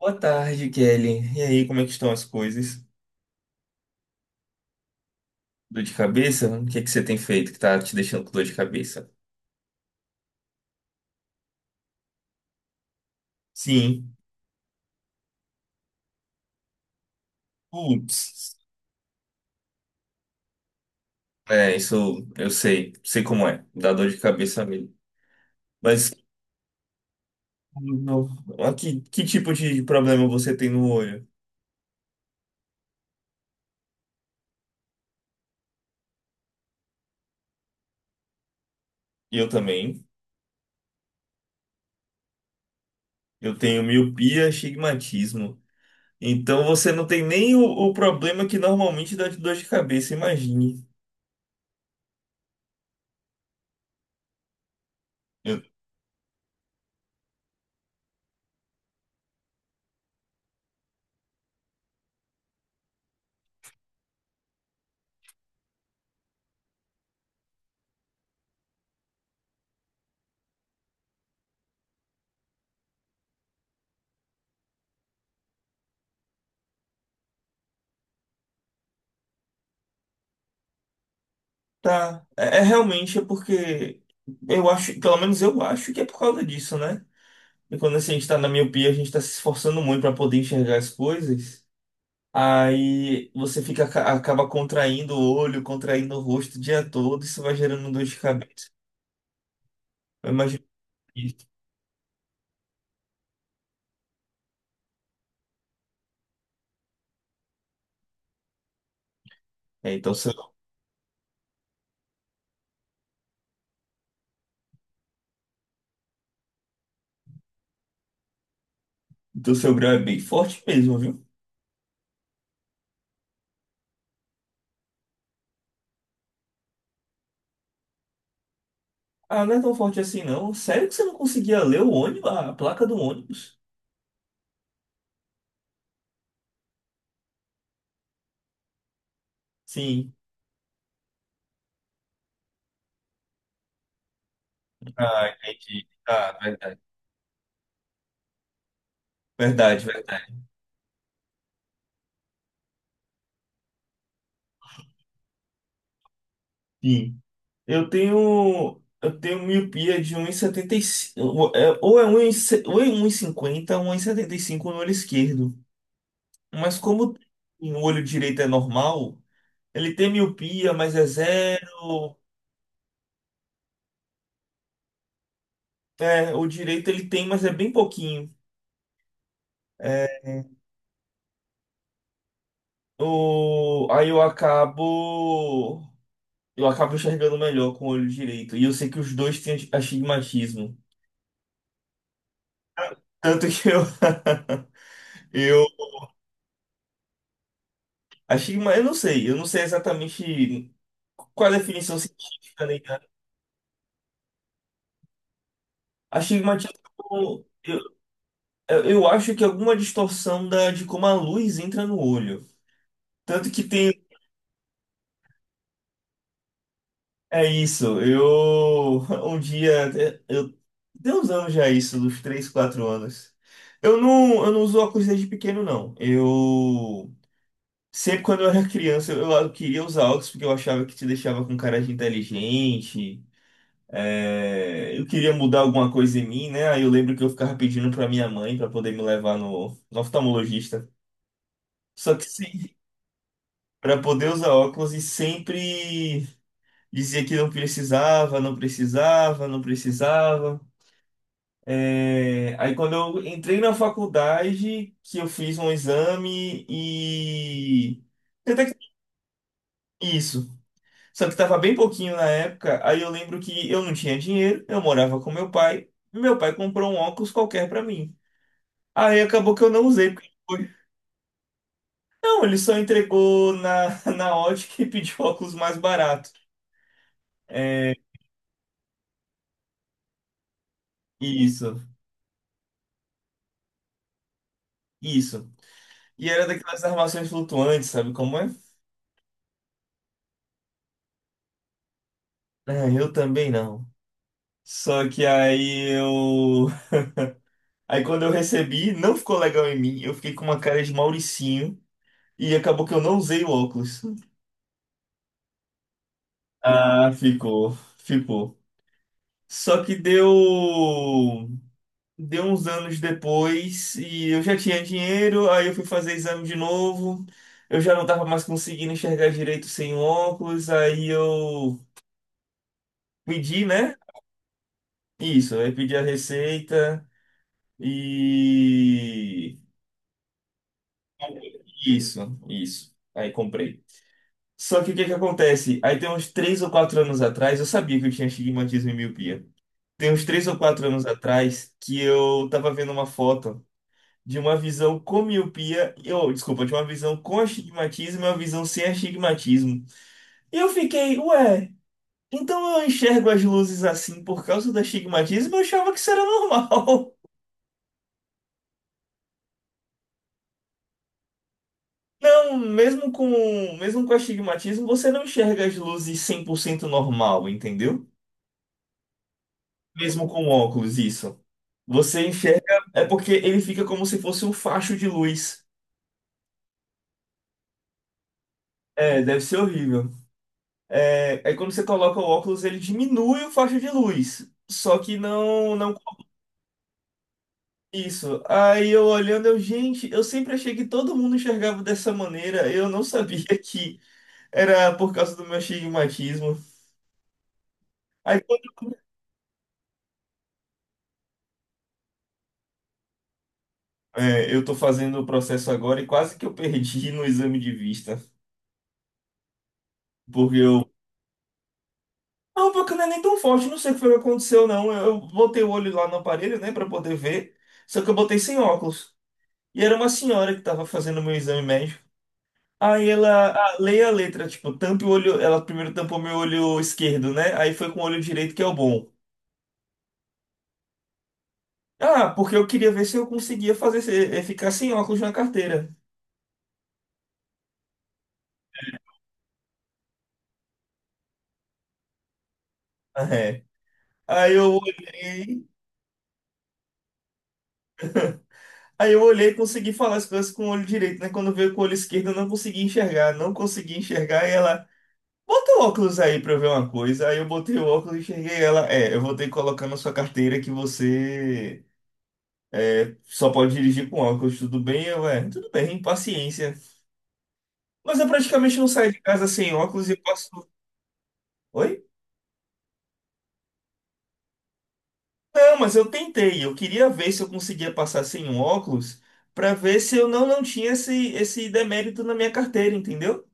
Boa tarde, Kelly. E aí, como é que estão as coisas? Dor de cabeça? O que é que você tem feito que tá te deixando com dor de cabeça? Sim. Putz. É, isso eu sei. Sei como é. Dá dor de cabeça mesmo. Mas no- que tipo de problema você tem no olho? Eu também. Eu tenho miopia, astigmatismo. Então você não tem nem o problema que normalmente dá de dor de cabeça, imagine. Tá, é realmente é porque eu acho, pelo menos eu acho que é por causa disso, né? E quando assim, a gente tá na miopia, a gente tá se esforçando muito para poder enxergar as coisas, aí você fica, acaba contraindo o olho, contraindo o rosto o dia todo, isso vai gerando dor de cabeça. Eu imagino isso. É, então seu, então seu grau é bem forte mesmo, viu? Ah, não é tão forte assim não. Sério que você não conseguia ler o ônibus, a placa do ônibus? Sim. Ah, entendi. Ah, verdade. Verdade, verdade. Sim. Eu tenho miopia de 1,75, ou é 1,50 ou é 75 no olho esquerdo. Mas como o olho direito é normal, ele tem miopia, mas é zero. É, o direito ele tem, mas é bem pouquinho. É, o, aí eu acabo, enxergando melhor com o olho direito. E eu sei que os dois têm astigmatismo. Tanto que eu, eu não sei exatamente. Qual a definição científica, né, cara? A estigmatismo, eu, eu acho que é alguma distorção de como a luz entra no olho. Tanto que tem. É isso. Eu. Um dia. Eu, tem uns anos já isso, dos 3 4 anos. Eu não uso óculos desde pequeno, não. Eu. Sempre quando eu era criança, eu queria usar óculos porque eu achava que te deixava com cara de inteligente. É, eu queria mudar alguma coisa em mim, né? Aí eu lembro que eu ficava pedindo pra minha mãe pra poder me levar no oftalmologista. Só que sim, para poder usar óculos e sempre dizia que não precisava, não precisava, não precisava. É, aí quando eu entrei na faculdade, que eu fiz um exame e até que isso. Só que tava bem pouquinho na época, aí eu lembro que eu não tinha dinheiro, eu morava com meu pai. E meu pai comprou um óculos qualquer para mim. Aí acabou que eu não usei, Não, ele só entregou na ótica e pediu óculos mais barato. É, isso, isso. E era daquelas armações flutuantes, sabe como é? Ah, eu também não. Só que aí eu. Aí quando eu recebi, não ficou legal em mim. Eu fiquei com uma cara de Mauricinho e acabou que eu não usei o óculos. Ah, ficou, ficou. Só que deu. Deu uns anos depois e eu já tinha dinheiro, aí eu fui fazer exame de novo. Eu já não tava mais conseguindo enxergar direito sem óculos, aí eu pedi, né? Isso, aí pedi a receita e isso, isso. Aí comprei. Só que o que que acontece? Aí tem uns 3 ou 4 anos atrás, eu sabia que eu tinha astigmatismo e miopia. Tem uns três ou quatro anos atrás que eu tava vendo uma foto de uma visão com miopia, ou desculpa, de uma visão com astigmatismo e uma visão sem astigmatismo. E eu fiquei, ué, então eu enxergo as luzes assim por causa do astigmatismo? Eu achava que isso era normal. Não, mesmo com astigmatismo, você não enxerga as luzes 100% normal, entendeu? Mesmo com óculos, isso. Você enxerga, é porque ele fica como se fosse um facho de luz. É, deve ser horrível. É, aí quando você coloca o óculos, ele diminui o faixa de luz. Só que não, não isso. Aí eu olhando, eu, gente, eu sempre achei que todo mundo enxergava dessa maneira. Eu não sabia que era por causa do meu astigmatismo. Aí quando- é, eu tô fazendo o processo agora e quase que eu perdi no exame de vista. Porque eu. Não, porque não é nem tão forte, não sei o que foi que aconteceu, não. Eu botei o olho lá no aparelho, né, pra poder ver. Só que eu botei sem óculos. E era uma senhora que tava fazendo o meu exame médico. Aí ela, ah, leia a letra, tipo, tampe o olho, ela primeiro tampou meu olho esquerdo, né? Aí foi com o olho direito que é o bom. Ah, porque eu queria ver se eu conseguia fazer, ficar sem óculos na carteira. Ah, é. Aí eu olhei, aí eu olhei e consegui falar as coisas com o olho direito, né? Quando veio com o olho esquerdo, eu não consegui enxergar, não consegui enxergar, e ela, bota o óculos aí pra eu ver uma coisa. Aí eu botei o óculos e enxerguei ela, é, eu vou ter que colocar na sua carteira que você só pode dirigir com óculos, tudo bem? Eu, é, tudo bem, paciência. Mas eu praticamente não saio de casa sem óculos e passo. Oi? Não, mas eu tentei. Eu queria ver se eu conseguia passar sem um óculos para ver se eu não tinha esse demérito na minha carteira, entendeu?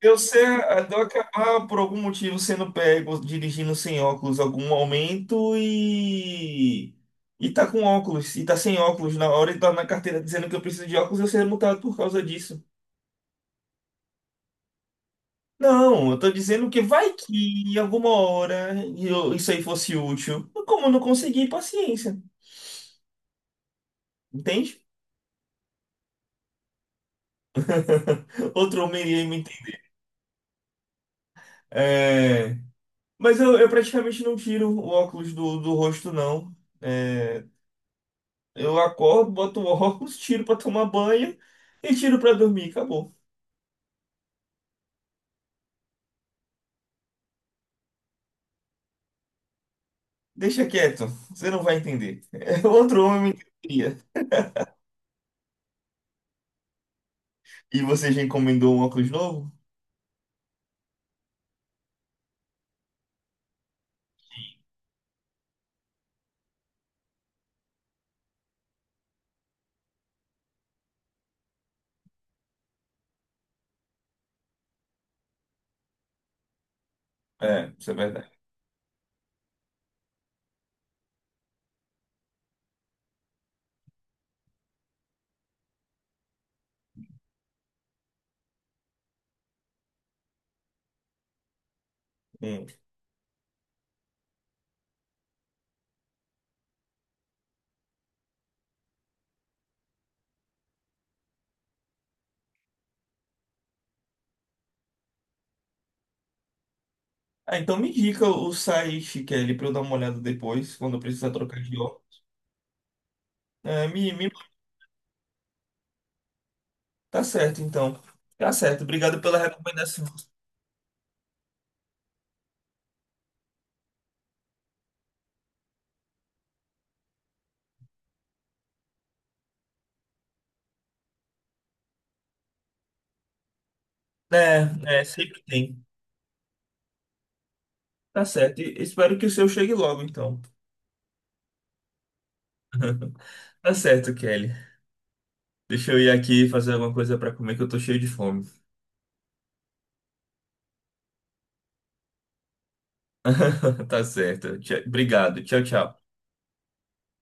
Eu ser, eu acabar por algum motivo sendo pego dirigindo sem óculos em algum momento e tá com óculos e tá sem óculos na hora e tá na carteira dizendo que eu preciso de óculos, eu ser multado por causa disso. Não, eu tô dizendo que vai que em alguma hora isso aí fosse útil. Como eu não consegui, paciência. Entende? Outro homem iria me entender. É, mas eu praticamente não tiro o óculos do rosto, não. É, eu acordo, boto o óculos, tiro pra tomar banho e tiro pra dormir. Acabou. Deixa quieto, você não vai entender. É, outro homem me entenderia. E você já encomendou um óculos novo? É, isso é verdade. Hum. Ah, então me indica o site, Kelly, pra eu dar uma olhada depois, quando eu precisar trocar de óculos. É, me, me... Tá certo, então. Tá certo. Obrigado pela recomendação. É, sempre tem. Tá certo. E espero que o seu chegue logo, então. Tá certo, Kelly. Deixa eu ir aqui fazer alguma coisa pra comer, que eu tô cheio de fome. Tá certo. Obrigado. Tchau, tchau.